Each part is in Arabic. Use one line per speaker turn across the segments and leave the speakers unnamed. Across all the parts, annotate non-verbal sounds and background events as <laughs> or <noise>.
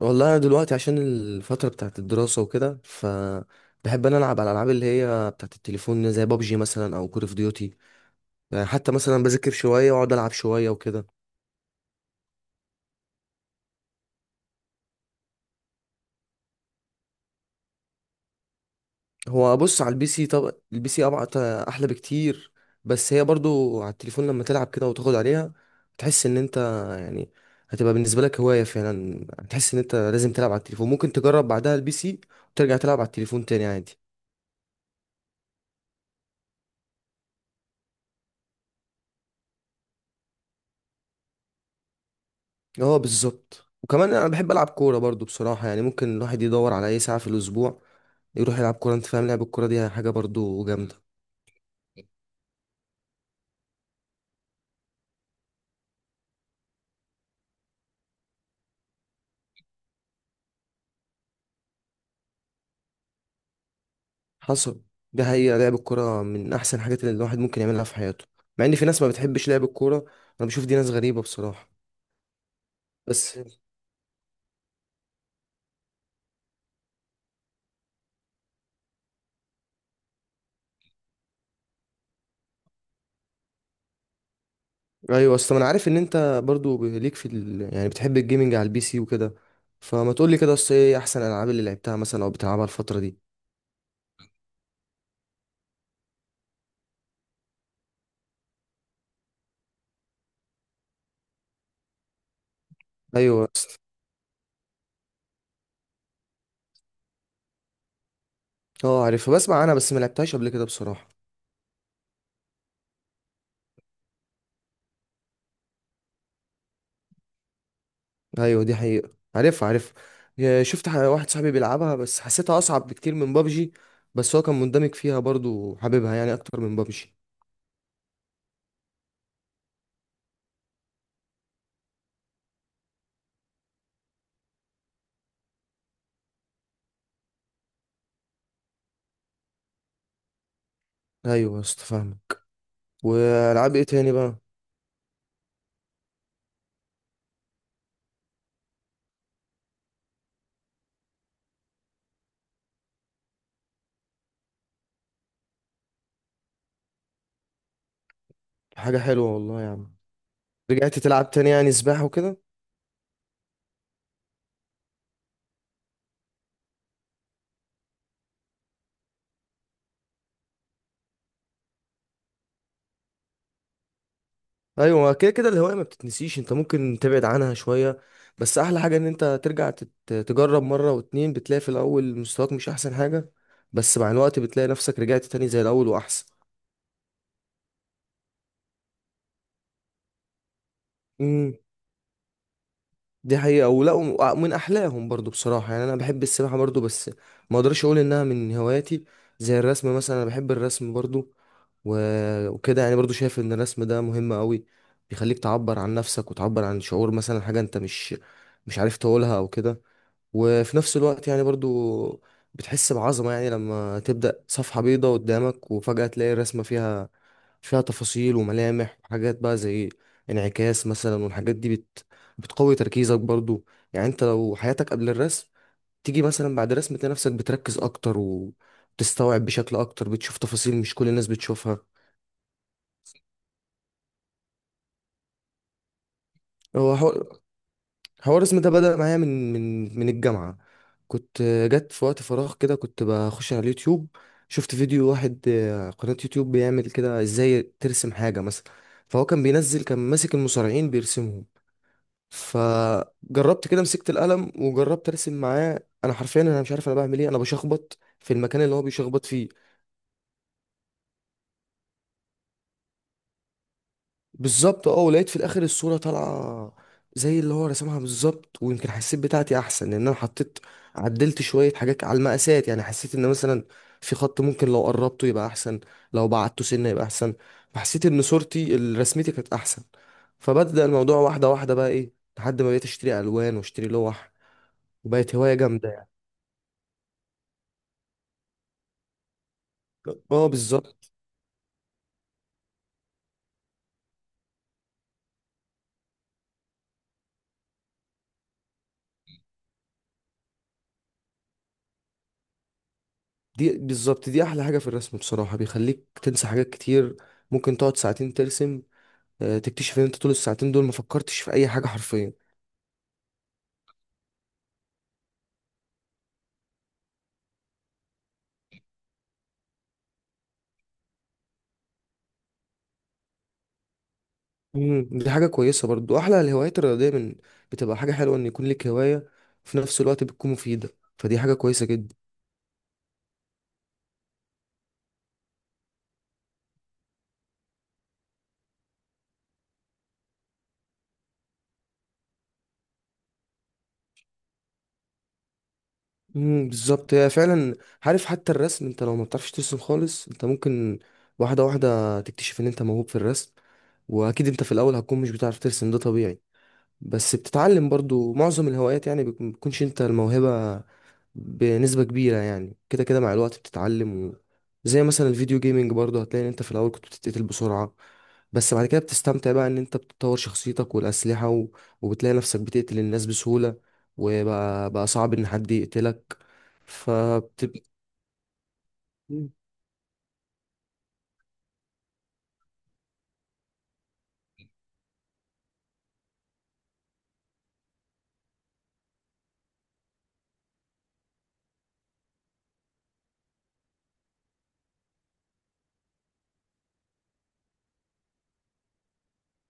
والله انا دلوقتي عشان الفتره بتاعت الدراسه وكده فبحب انا العب على الالعاب اللي هي بتاعت التليفون زي بابجي مثلا او كول اوف ديوتي. يعني حتى مثلا بذاكر شويه واقعد العب شويه وكده. هو بص، على البي سي، طب البي سي ابعت احلى بكتير، بس هي برضو على التليفون لما تلعب كده وتاخد عليها تحس ان انت، يعني، هتبقى بالنسبه لك هوايه فعلا، هتحس ان انت لازم تلعب على التليفون، ممكن تجرب بعدها البي سي وترجع تلعب على التليفون تاني عادي. اه بالظبط، وكمان انا بحب العب كوره برضو بصراحه، يعني ممكن الواحد يدور على اي ساعه في الاسبوع يروح يلعب كوره. انت فاهم، لعب الكوره دي حاجه برضو جامده. حصل، دي حقيقه، لعب الكوره من احسن الحاجات اللي الواحد ممكن يعملها في حياته. مع ان في ناس ما بتحبش لعب الكوره، انا بشوف دي ناس غريبه بصراحه. بس ايوه، اصل انا عارف ان انت برضو ليك في يعني بتحب الجيمنج على البي سي وكده، فما تقول لي كده، اصل ايه احسن الالعاب اللي لعبتها مثلا او بتلعبها الفتره دي؟ ايوه. اه عارفها، بسمع عنها بس ما لعبتهاش قبل كده بصراحه. ايوه دي حقيقة، عارفها عارفها. شفت واحد صاحبي بيلعبها بس حسيتها اصعب بكتير من بابجي، بس هو كان مندمج فيها برضو حاببها يعني اكتر من بابجي. ايوه يا اسطى فاهمك. والعاب ايه تاني بقى؟ حاجة حلوة والله يا عم. رجعت تلعب تاني يعني سباحة وكده؟ ايوه كده كده، الهواية ما بتتنسيش، انت ممكن تبعد عنها شوية بس احلى حاجة ان انت ترجع تجرب مرة واتنين، بتلاقي في الاول مستواك مش احسن حاجة بس مع الوقت بتلاقي نفسك رجعت تاني زي الاول واحسن. إمم. دي حقيقة ولا، ومن أحلاهم برضو بصراحة. يعني أنا بحب السباحة برضو بس ما أقدرش أقول إنها من هواياتي. زي الرسم مثلا، أنا بحب الرسم برضو، وكده يعني، برضو شايف إن الرسم ده مهم أوي. بيخليك تعبر عن نفسك وتعبر عن شعور، مثلا حاجة أنت مش مش عارف تقولها أو كده، وفي نفس الوقت يعني برضو بتحس بعظمة، يعني لما تبدأ صفحة بيضة قدامك وفجأة تلاقي الرسمة فيها تفاصيل وملامح وحاجات بقى زي انعكاس مثلا. والحاجات دي بتقوي تركيزك برضو، يعني انت لو حياتك قبل الرسم تيجي مثلا بعد الرسم تلاقي نفسك بتركز اكتر وتستوعب بشكل اكتر، بتشوف تفاصيل مش كل الناس بتشوفها. هو حوار اسمه ده بدأ معايا من الجامعة. كنت، جت في وقت فراغ كده، كنت بخش على اليوتيوب، شفت فيديو واحد، قناة يوتيوب بيعمل كده ازاي ترسم حاجة مثلا، فهو كان بينزل كان ماسك المصارعين بيرسمهم. فجربت كده، مسكت القلم وجربت ارسم معاه، انا حرفيا انا مش عارف انا بعمل ايه، انا بشخبط في المكان اللي هو بيشخبط فيه. بالظبط اه، ولقيت في الاخر الصوره طالعه زي اللي هو رسمها بالظبط، ويمكن حسيت بتاعتي احسن لان انا حطيت، عدلت شويه حاجات على المقاسات، يعني حسيت ان مثلا في خط ممكن لو قربته يبقى احسن، لو بعدته سنه يبقى احسن، فحسيت ان صورتي رسمتي كانت احسن. فبدأ الموضوع واحده واحده بقى ايه، لحد ما بقيت اشتري الوان واشتري لوح، وبقت هوايه جامده يعني. اه بالظبط. دي بالظبط دي احلى حاجه في الرسم بصراحه، بيخليك تنسى حاجات كتير. ممكن تقعد ساعتين ترسم، تكتشف ان انت طول الساعتين دول ما فكرتش في اي حاجه حرفيا. دي حاجه كويسه برضو، احلى الهوايات الرياضيه من، بتبقى حاجه حلوه ان يكون لك هوايه في نفس الوقت بتكون مفيده، فدي حاجه كويسه جدا. بالظبط، هي فعلا. عارف حتى الرسم، انت لو ما بتعرفش ترسم خالص انت ممكن واحده واحده تكتشف ان انت موهوب في الرسم. واكيد انت في الاول هتكون مش بتعرف ترسم، ده طبيعي بس بتتعلم. برضو معظم الهوايات يعني بتكونش انت الموهبه بنسبة كبيرة، يعني كده كده مع الوقت بتتعلم. و... زي مثلا الفيديو جيمينج برضه، هتلاقي ان انت في الاول كنت بتتقتل بسرعة بس بعد كده بتستمتع بقى، ان انت بتطور شخصيتك والأسلحة و... وبتلاقي نفسك بتقتل الناس بسهولة وبقى بقى صعب ان حد يقتلك، فبتبقى.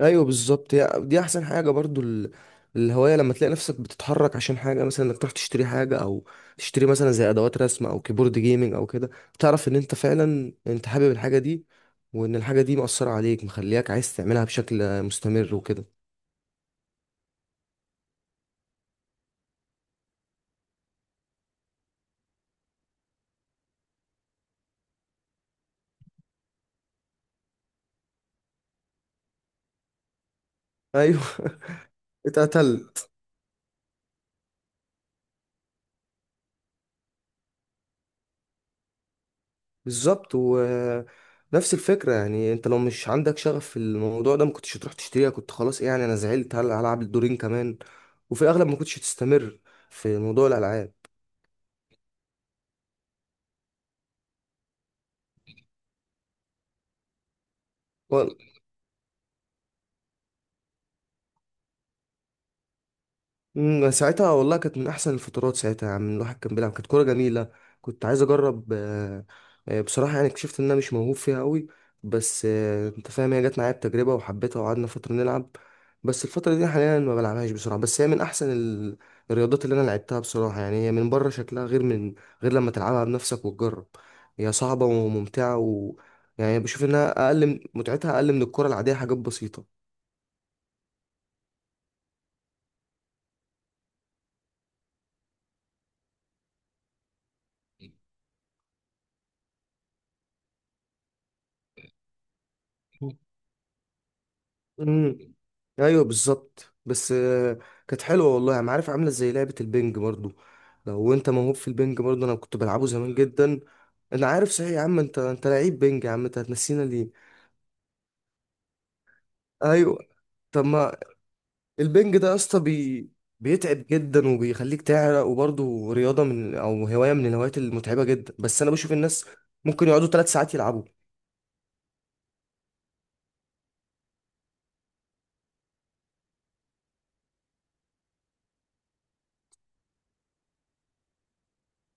ايوه بالظبط، هي دي احسن حاجه برضو. الهوايه لما تلاقي نفسك بتتحرك عشان حاجه، مثلا انك تروح تشتري حاجه، او تشتري مثلا زي ادوات رسم او كيبورد جيمنج او كده، تعرف ان انت فعلا انت حابب الحاجه دي، وان الحاجه دي مأثره عليك مخلياك عايز تعملها بشكل مستمر وكده. ايوه <laughs> اتقتلت. بالظبط، ونفس الفكره يعني انت لو مش عندك شغف في الموضوع ده ما كنتش هتروح تشتريها، كنت خلاص إيه، يعني انا زعلت هلعب الدورين كمان. وفي الاغلب ما كنتش هتستمر في موضوع الالعاب. ساعتها والله كانت من احسن الفترات، ساعتها يعني الواحد كان بيلعب، كانت كوره جميله. كنت عايز اجرب، بصراحه يعني اكتشفت ان انا مش موهوب فيها قوي، بس انت فاهم هي جت معايا بتجربه وحبيتها وقعدنا فتره نلعب. بس الفتره دي حاليا ما بلعبهاش بسرعه، بس هي من احسن الرياضات اللي انا لعبتها بصراحه. يعني هي من بره شكلها غير من، غير لما تلعبها بنفسك وتجرب، هي صعبه وممتعه، و يعني بشوف انها اقل متعتها اقل من الكره العاديه حاجات بسيطه. امم ايوه بالظبط، بس كانت حلوه والله. انا عارف عامله زي لعبه البنج برضو، لو انت موهوب في البنج برضو، انا كنت بلعبه زمان جدا. انا عارف، صحيح يا عم، انت لعيب بنج يا عم، انت هتنسينا ليه؟ ايوه. طب ما البنج ده يا اسطى بيتعب جدا وبيخليك تعرق، وبرضه رياضه من، او هوايه من الهوايات المتعبه جدا، بس انا بشوف الناس ممكن يقعدوا 3 ساعات يلعبوا.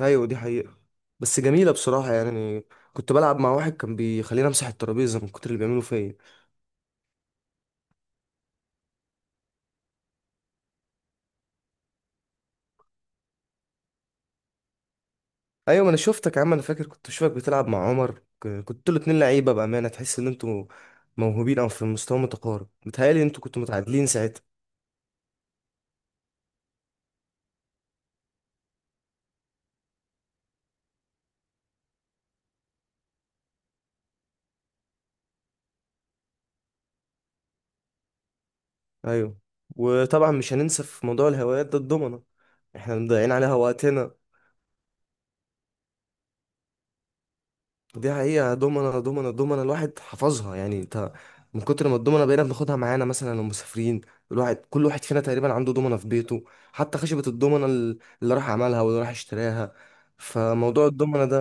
ايوه دي حقيقه، بس جميله بصراحه يعني. كنت بلعب مع واحد كان بيخليني امسح الترابيزه من كتر اللي بيعملوا فيا. ايوه ما انا شفتك يا عم، انا فاكر كنت بشوفك بتلعب مع عمر، كنتوا الاتنين لعيبه بامانه، تحس ان انتوا موهوبين او في مستوى متقارب، متهيألي انتوا كنتوا متعادلين ساعتها. ايوه. وطبعا مش هننسى في موضوع الهوايات ده الضمنه، احنا مضيعين عليها وقتنا. دي حقيقه، ضمنه ضمنه ضمنه، الواحد حفظها يعني انت، من كتر ما الضمنه بقينا بناخدها معانا مثلا لو مسافرين، الواحد كل واحد فينا تقريبا عنده ضمنه في بيته، حتى خشبه الضمنه اللي راح عملها واللي راح اشتراها. فموضوع الضمنه ده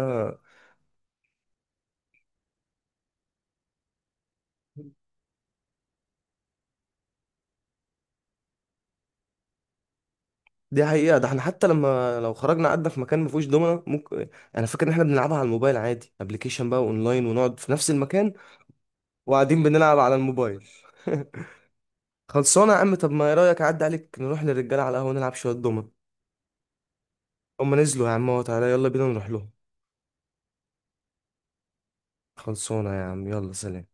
دي حقيقة، ده احنا حتى لما لو خرجنا قعدنا في مكان ما فيهوش دومنة، ممكن، انا فاكر ان احنا بنلعبها على الموبايل عادي، ابلكيشن بقى اونلاين، ونقعد في نفس المكان وقاعدين بنلعب على الموبايل. <laughs> خلصانة يا عم، طب ما ايه رأيك اعدي عليك نروح للرجالة على القهوة نلعب شوية دومنة؟ هما نزلوا يا عم اهو، تعالى يلا بينا نروح لهم. خلصانة يا عم، يلا سلام.